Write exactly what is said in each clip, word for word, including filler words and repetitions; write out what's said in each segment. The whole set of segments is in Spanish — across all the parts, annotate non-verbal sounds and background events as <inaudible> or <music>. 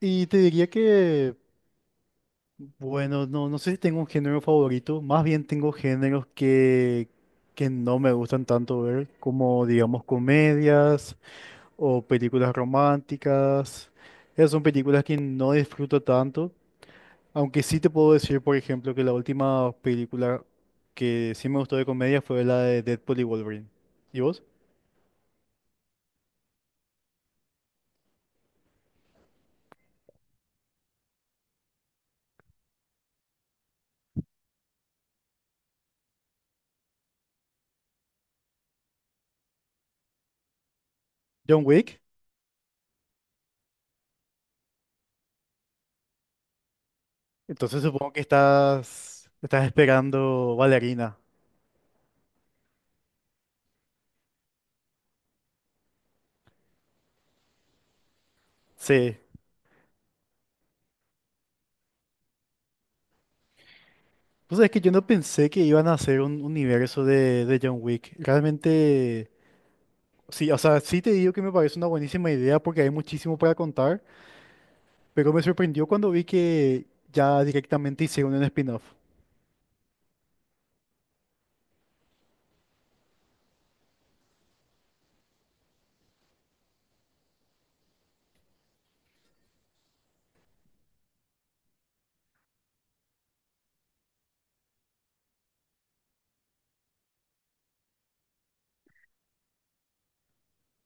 Y te diría que, bueno, no, no sé si tengo un género favorito, más bien tengo géneros que, que no me gustan tanto ver, como digamos comedias o películas románticas. Esas son películas que no disfruto tanto, aunque sí te puedo decir, por ejemplo, que la última película que sí me gustó de comedia fue la de Deadpool y Wolverine. ¿Y vos? John Wick. Entonces supongo que estás, estás esperando Valerina. Sí. Pues es que yo no pensé que iban a hacer un universo de, de John Wick. Realmente, sí, o sea, sí te digo que me parece una buenísima idea porque hay muchísimo para contar, pero me sorprendió cuando vi que ya directamente hicieron un spin-off.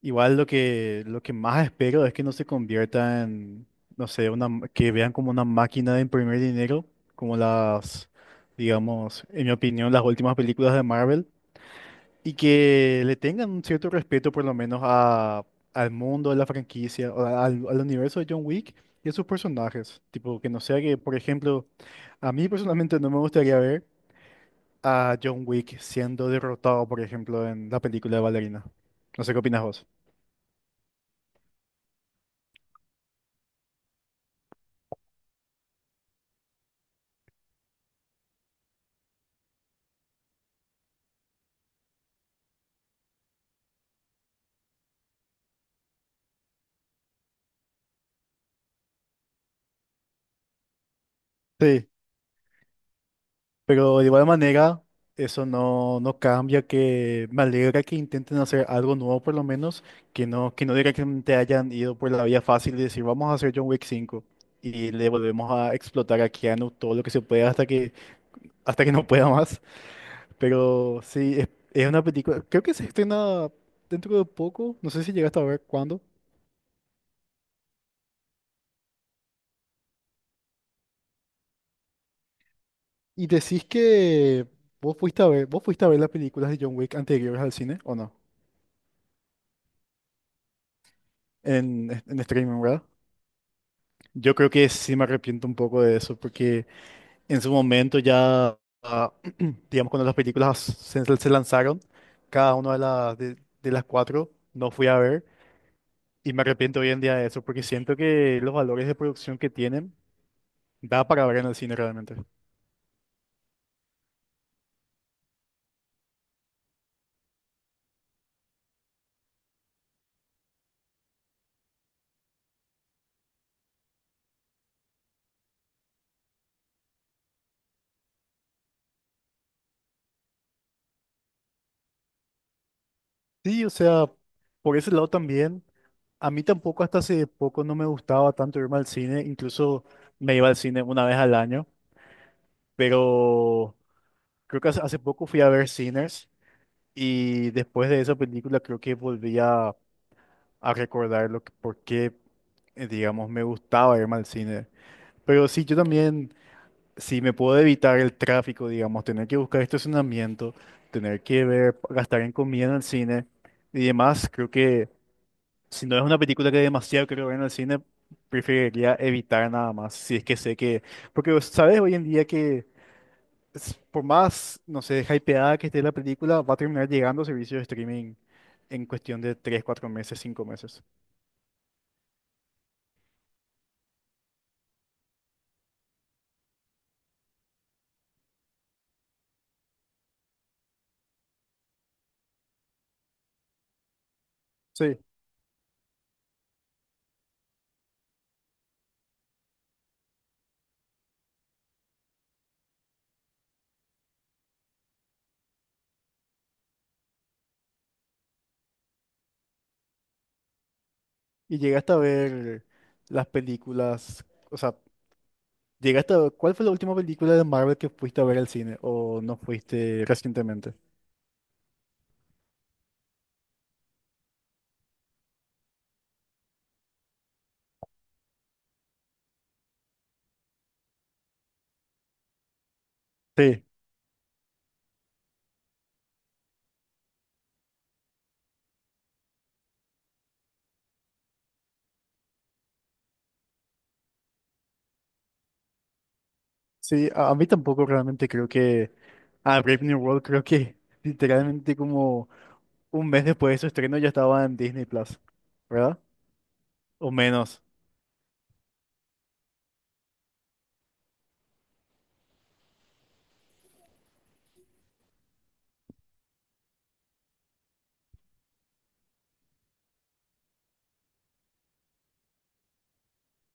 Igual lo que, lo que más espero es que no se convierta en, no sé, una, m- que vean como una máquina de imprimir dinero, como las, digamos, en mi opinión, las últimas películas de Marvel. Y que le tengan un cierto respeto por lo menos a, al mundo, de la franquicia, o a- al, al universo de John Wick y a sus personajes. Tipo, que no sea que, por ejemplo, a mí personalmente no me gustaría ver a John Wick siendo derrotado, por ejemplo, en la película de Ballerina. No sé qué opinas vos. Sí. Pero de igual manera, eso no, no cambia que me alegra que intenten hacer algo nuevo por lo menos, que no, que no directamente hayan ido por la vía fácil y decir vamos a hacer John Wick cinco y le volvemos a explotar a Keanu todo lo que se pueda hasta que, hasta que no pueda más. Pero sí, es, es una película, creo que se estrena dentro de poco, no sé si llegaste a ver cuándo. Y decís que vos fuiste a ver, vos fuiste a ver las películas de John Wick anteriores al cine, ¿o no? En, en streaming, ¿verdad? Yo creo que sí me arrepiento un poco de eso, porque en su momento ya, ah, <clears throat> digamos, cuando las películas se, se lanzaron, cada una de las, de, de las cuatro no fui a ver, y me arrepiento hoy en día de eso, porque siento que los valores de producción que tienen da para ver en el cine realmente. Sí, o sea, por ese lado también, a mí tampoco hasta hace poco no me gustaba tanto irme al cine, incluso me iba al cine una vez al año, pero creo que hace hace poco fui a ver Sinners. Y después de esa película creo que volví a, a recordar lo que, por qué, eh, digamos, me gustaba irme al cine. Pero sí, yo también, si me puedo evitar el tráfico, digamos, tener que buscar estacionamiento, tener que ver, gastar en comida en el cine y demás, creo que si no es una película que demasiado quiero ver en el cine, preferiría evitar nada más, si es que sé que. Porque, ¿sabes? Hoy en día que es- por más, no sé, hypeada que esté la película, va a terminar llegando a servicios de streaming en cuestión de tres cuatro meses, cinco meses. Sí. Y llegaste a ver las películas, o sea, llegaste a ver, ¿cuál fue la última película de Marvel que fuiste a ver al cine o no fuiste recientemente? Sí, sí, a, a mí tampoco realmente creo que, a Brave New World creo que <laughs> literalmente como un mes después de su estreno ya estaba en Disney Plus, ¿verdad? O menos,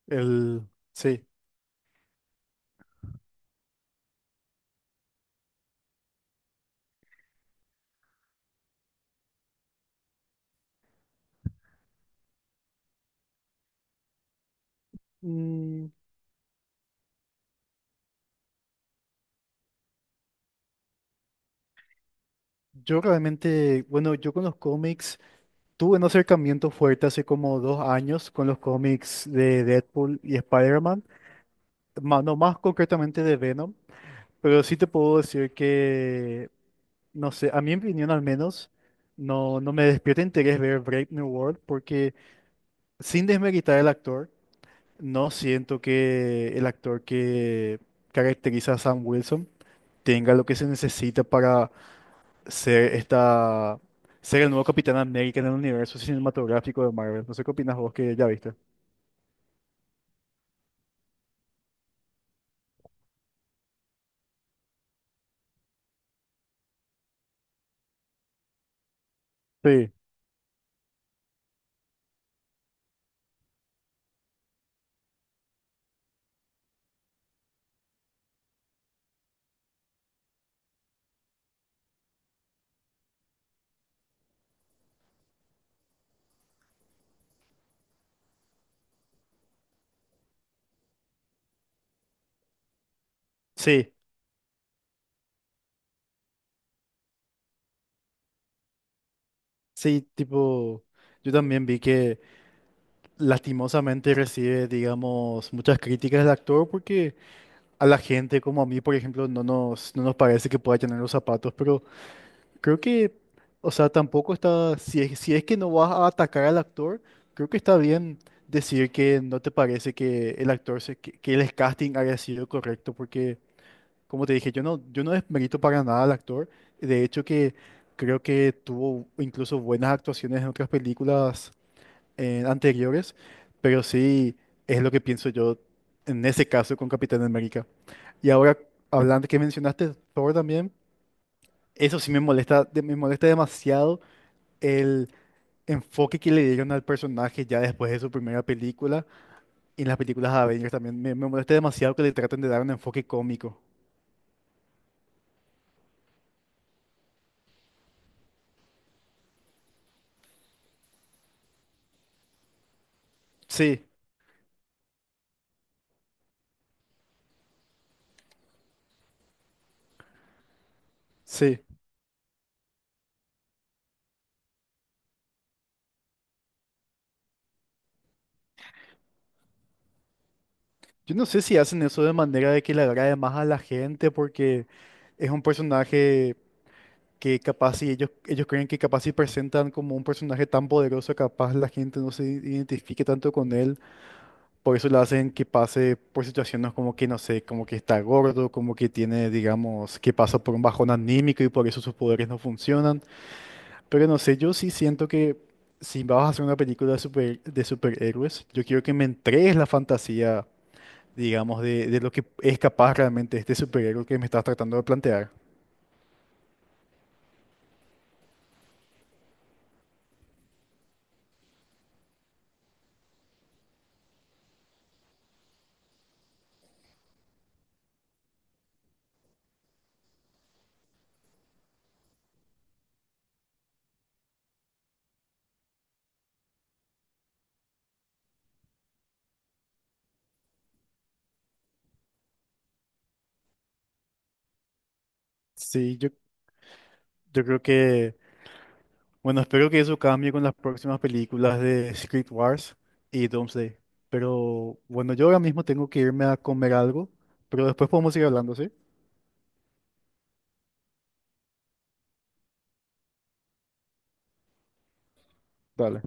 el, sí. Mm, Yo realmente, bueno, yo con los cómics tuve un acercamiento fuerte hace como dos años con los cómics de Deadpool y Spider-Man, ma- no más concretamente de Venom, pero sí te puedo decir que, no sé, a mi opinión al menos, no, no me despierta interés ver Brave New World porque sin desmeritar el actor, no siento que el actor que caracteriza a Sam Wilson tenga lo que se necesita para ser esta, ser el nuevo Capitán América en el universo cinematográfico de Marvel. No sé qué opinas vos que ya viste. Sí, sí, sí, tipo, yo también vi que lastimosamente recibe, digamos, muchas críticas del actor porque a la gente como a mí, por ejemplo, no nos, no nos parece que pueda llenar los zapatos, pero creo que, o sea, tampoco está, si es, si es que no vas a atacar al actor, creo que está bien decir que no te parece que el actor, se, que, que el casting haya sido correcto porque. Como te dije, yo no, yo no desmerito para nada al actor. De hecho, que creo que tuvo incluso buenas actuaciones en otras películas eh, anteriores, pero sí es lo que pienso yo en ese caso con Capitán América. Y ahora, hablando que mencionaste Thor también, eso sí me molesta, de- me molesta demasiado el enfoque que le dieron al personaje ya después de su primera película y en las películas de Avengers también. Me, me molesta demasiado que le traten de dar un enfoque cómico. Sí, sí. Yo no sé si hacen eso de manera de que le agrade más a la gente, porque es un personaje que capaz si ellos, ellos creen que capaz si presentan como un personaje tan poderoso, capaz la gente no se identifique tanto con él. Por eso le hacen que pase por situaciones como que, no sé, como que está gordo, como que tiene, digamos, que pasa por un bajón anímico y por eso sus poderes no funcionan. Pero no sé, yo sí siento que si vas a hacer una película de super, de superhéroes, yo quiero que me entregues la fantasía digamos, de, de lo que es capaz realmente este superhéroe que me estás tratando de plantear. Sí, yo, yo creo que, bueno, espero que eso cambie con las próximas películas de Secret Wars y Doomsday. Pero bueno, yo ahora mismo tengo que irme a comer algo, pero después podemos seguir hablando, ¿sí? Dale.